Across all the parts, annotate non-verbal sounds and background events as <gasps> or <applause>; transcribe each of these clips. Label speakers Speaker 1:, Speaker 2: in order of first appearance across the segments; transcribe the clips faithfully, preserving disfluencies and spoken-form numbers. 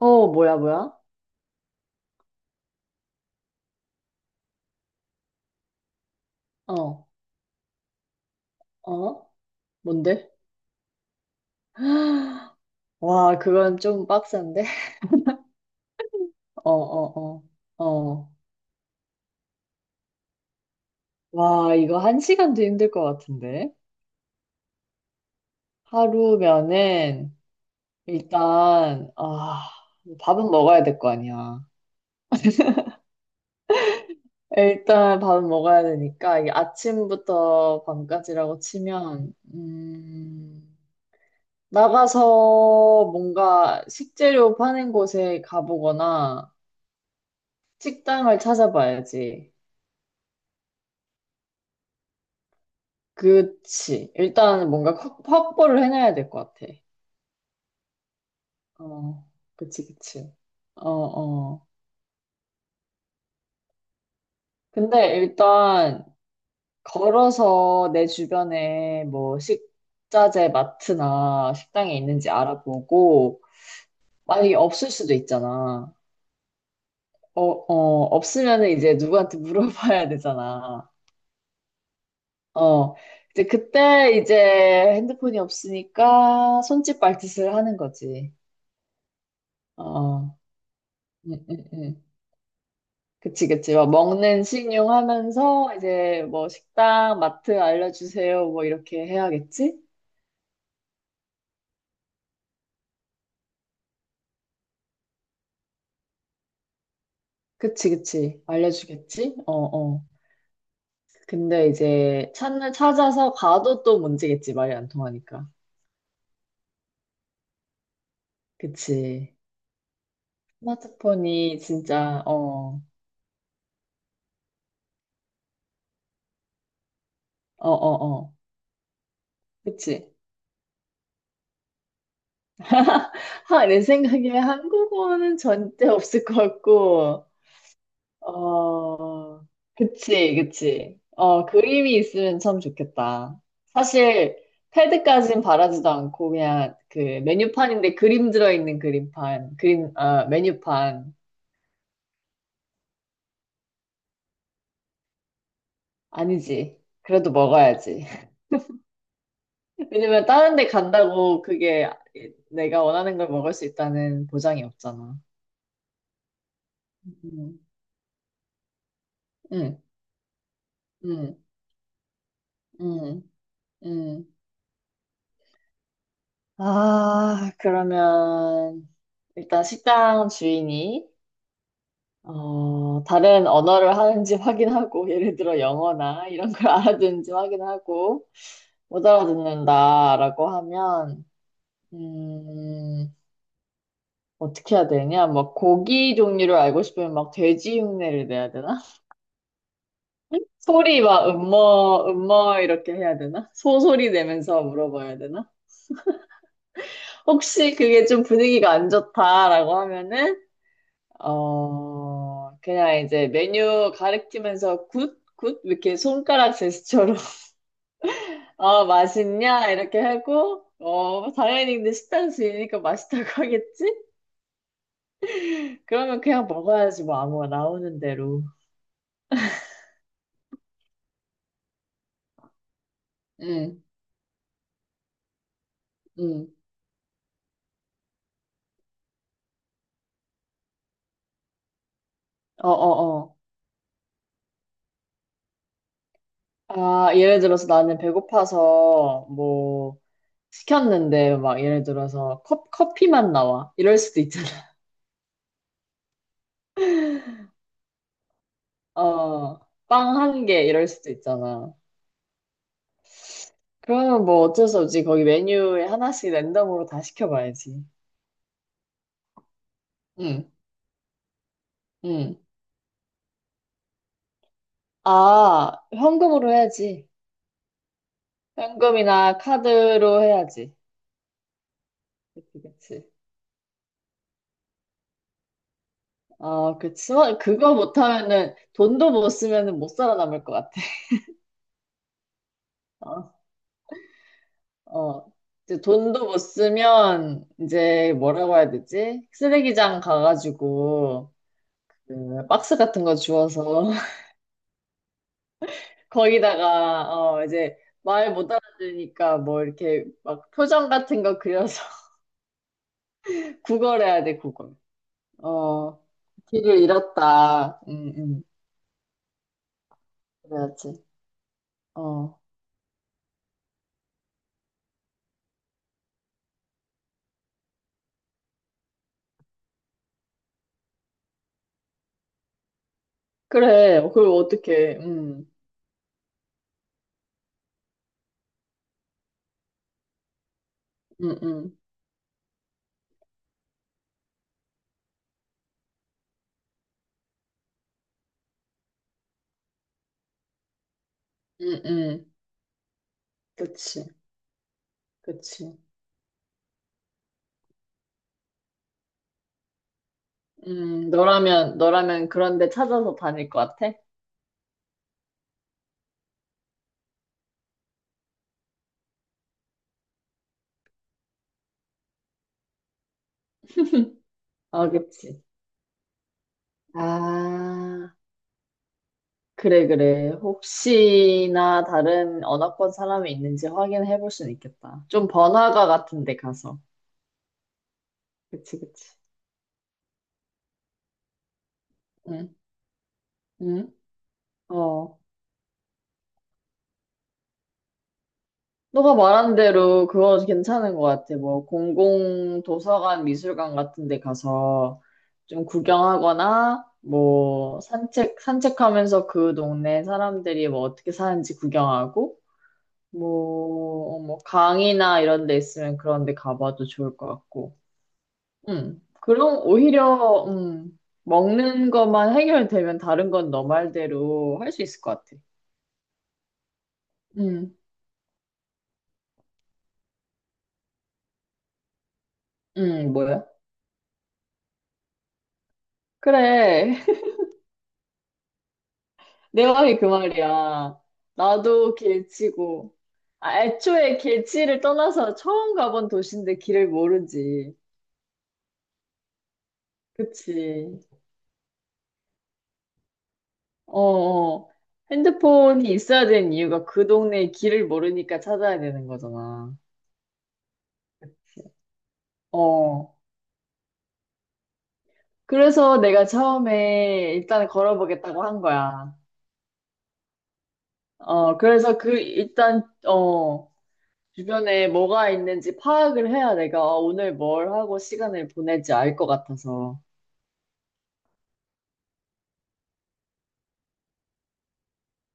Speaker 1: 어, 뭐야, 뭐야? 어, 어? 뭔데? <gasps> 와, 그건 좀 빡센데? <laughs> 어, 어, 어, 어. 와, 이거 한 시간도 힘들 것 같은데? 하루면은, 일단, 아, 밥은 먹어야 될 거 아니야. 일단 밥은 먹어야 되니까, 이게 아침부터 밤까지라고 치면, 음, 나가서 뭔가 식재료 파는 곳에 가보거나, 식당을 찾아봐야지. 그치. 일단 뭔가 확- 확보를 해놔야 될 것 같아. 어, 그치, 그치. 어, 어. 근데 일단 걸어서 내 주변에 뭐 식자재 마트나 식당이 있는지 알아보고, 만약에 없을 수도 있잖아. 어, 어, 없으면은 이제 누구한테 <laughs> 물어봐야 되잖아. 어. 이제 그때 이제 핸드폰이 없으니까 손짓 발짓을 하는 거지. 어. 응, 응, 응. 그치, 그치. 막 먹는 식용 하면서 이제 뭐 식당, 마트 알려주세요. 뭐 이렇게 해야겠지? 그치, 그치. 알려주겠지? 어, 어. 근데 이제 찾는, 찾아서 가도 또 문제겠지. 말이 안 통하니까. 그치. 스마트폰이 진짜, 어, 어, 어, 어. 그치. 하, 내 생각에 한국어는 절대 없을 것 같고, 어, 그치, 그치. 어, 그림이 있으면 참 좋겠다. 사실, 패드까진 바라지도 않고, 그냥 그 메뉴판인데 그림 들어있는 그림판, 그림, 아, 메뉴판. 아니지. 그래도 먹어야지. <laughs> 왜냐면 다른 데 간다고 그게 내가 원하는 걸 먹을 수 있다는 보장이 없잖아. 응, 응, 응, 응. 응. 아, 그러면 일단 식당 주인이 어, 다른 언어를 하는지 확인하고, <laughs> 예를 들어 영어나 이런 걸 <laughs> 알아듣는지 확인하고, 못 알아듣는다라고 하면, 음, 어떻게 해야 되냐? 막 고기 종류를 알고 싶으면 막 돼지 흉내를 내야 되나? <laughs> 소리 막 음머, 음머 이렇게 해야 되나? 소소리 내면서 물어봐야 되나? 혹시 그게 좀 분위기가 안 좋다라고 하면은, 어, 그냥 이제 메뉴 가리키면서 굿? 굿? 이렇게 손가락 제스처로 어, 맛있냐? 이렇게 하고, 어, 당연히 근데 식당 주인이니까 맛있다고 <laughs> 하겠지? 그러면 그냥 먹어야지, 뭐, 아무거나 나오는 대로. 응, 응. 어, 어, 어. 아, 예를 들어서 나는 배고파서, 뭐, 시켰는데, 막, 예를 들어서, 컵, 커피만 나와. 이럴 수도 있잖아. <laughs> 어, 빵 한 개, 이럴 수도 있잖아. 그러면 뭐 어쩔 수 없지. 거기 메뉴에 하나씩 랜덤으로 다 시켜봐야지. 응, 응. 아, 현금으로 해야지. 현금이나 카드로 해야지. 그치, 그치. 어, 그, 지원, 그거 못하면은, 돈도 못 쓰면은 못 살아남을 것 같아. 어, 어. 이제 돈도 못 쓰면, 이제 뭐라고 해야 되지? 쓰레기장 가가지고, 그 박스 같은 거 주워서, <laughs> 거기다가, 어, 이제 말 못 알아들으니까 뭐 이렇게 막 표정 같은 거 그려서 <laughs> 구걸해야 돼, 구걸. 어, 길을 잃었다. 응, 응. 그래야지. 어. 그래, 그걸 어떻게, 음, 음, 음, 음, 음, 그치, 그치. 음, 너라면, 너라면 그런 데 찾아서 다닐 것 같아? 아, 그치. 아, 그래, 그래. 혹시나 다른 언어권 사람이 있는지 확인해 볼 수는 있겠다. 좀 번화가 같은 데 가서. 그치, 그치. 응, 응, 어. 너가 말한 대로 그거 괜찮은 것 같아. 뭐, 공공 도서관, 미술관 같은 데 가서 좀 구경하거나, 뭐, 산책, 산책하면서 그 동네 사람들이 뭐 어떻게 사는지 구경하고, 뭐, 뭐, 강이나 이런 데 있으면 그런 데 가봐도 좋을 것 같고. 음 그럼 오히려, 음, 먹는 것만 해결되면 다른 건 너 말대로 할 수 있을 것 같아. 음 음, 뭐야? 그래. 내 말이 그 말이야. 나도 길치고. 아, 애초에 길치를 떠나서 처음 가본 도시인데 길을 모르지. 그치. 어, 어. 핸드폰이 있어야 되는 이유가 그 동네의 길을 모르니까 찾아야 되는 거잖아. 어. 그래서 내가 처음에 일단 걸어보겠다고 한 거야. 어, 그래서 그, 일단, 어, 주변에 뭐가 있는지 파악을 해야 내가 어, 오늘 뭘 하고 시간을 보낼지 알 것 같아서.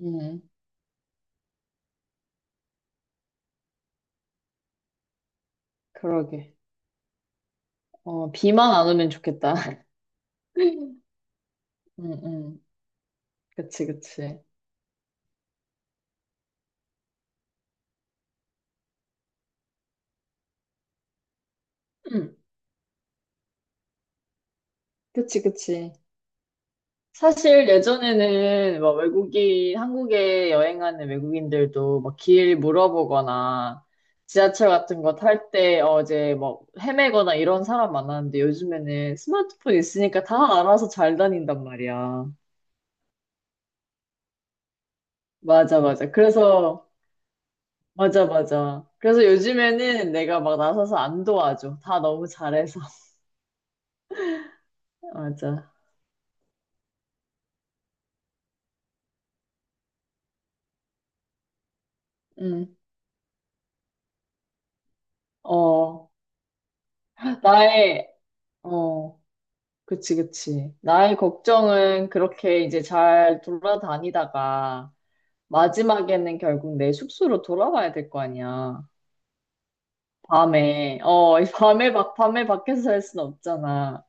Speaker 1: 음. 그러게. 어, 비만 안 오면 좋겠다. <laughs> 응, 응. 그치, 그치. 응. 그치, 그치. 사실 예전에는 막 외국인, 한국에 여행하는 외국인들도 막 길 물어보거나 지하철 같은 거 탈 때 어제 막 헤매거나 이런 사람 많았는데 요즘에는 스마트폰 있으니까 다 알아서 잘 다닌단 말이야. 맞아, 맞아. 그래서, 맞아, 맞아. 그래서 요즘에는 내가 막 나서서 안 도와줘. 다 너무 잘해서. <laughs> 맞아. 응 어, 나의, 어, 그치, 그치. 나의 걱정은 그렇게 이제 잘 돌아다니다가 마지막에는 결국 내 숙소로 돌아와야 될 거 아니야. 밤에, 어, 이 밤에 막, 밤에 밖에서 살 순 없잖아.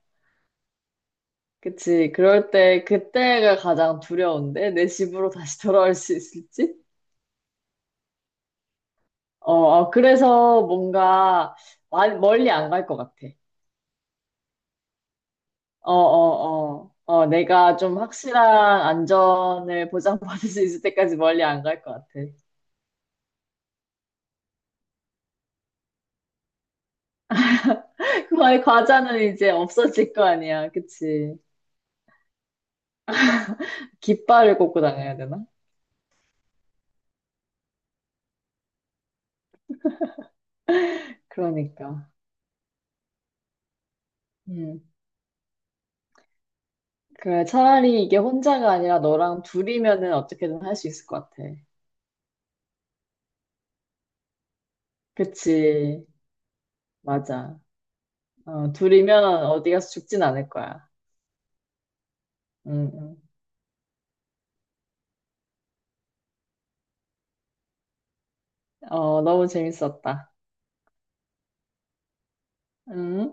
Speaker 1: 그치. 그럴 때, 그때가 가장 두려운데, 내 집으로 다시 돌아올 수 있을지? 어, 어, 그래서 뭔가, 많이- 멀리 안 갈 것 같아. 어, 어, 어. 어, 내가 좀 확실한 안전을 보장받을 수 있을 때까지 멀리 안 갈 것 같아. <laughs> 그만 과자는 이제 없어질 거 아니야. 그치? 깃발을 꽂고 다녀야 되나? 그러니까. 음. 그래, 차라리 이게 혼자가 아니라 너랑 둘이면은 어떻게든 할 수 있을 것 같아. 그치? 맞아. 어, 둘이면 어디 가서 죽진 않을 거야. 응, 응. 어, 너무 재밌었다. 응?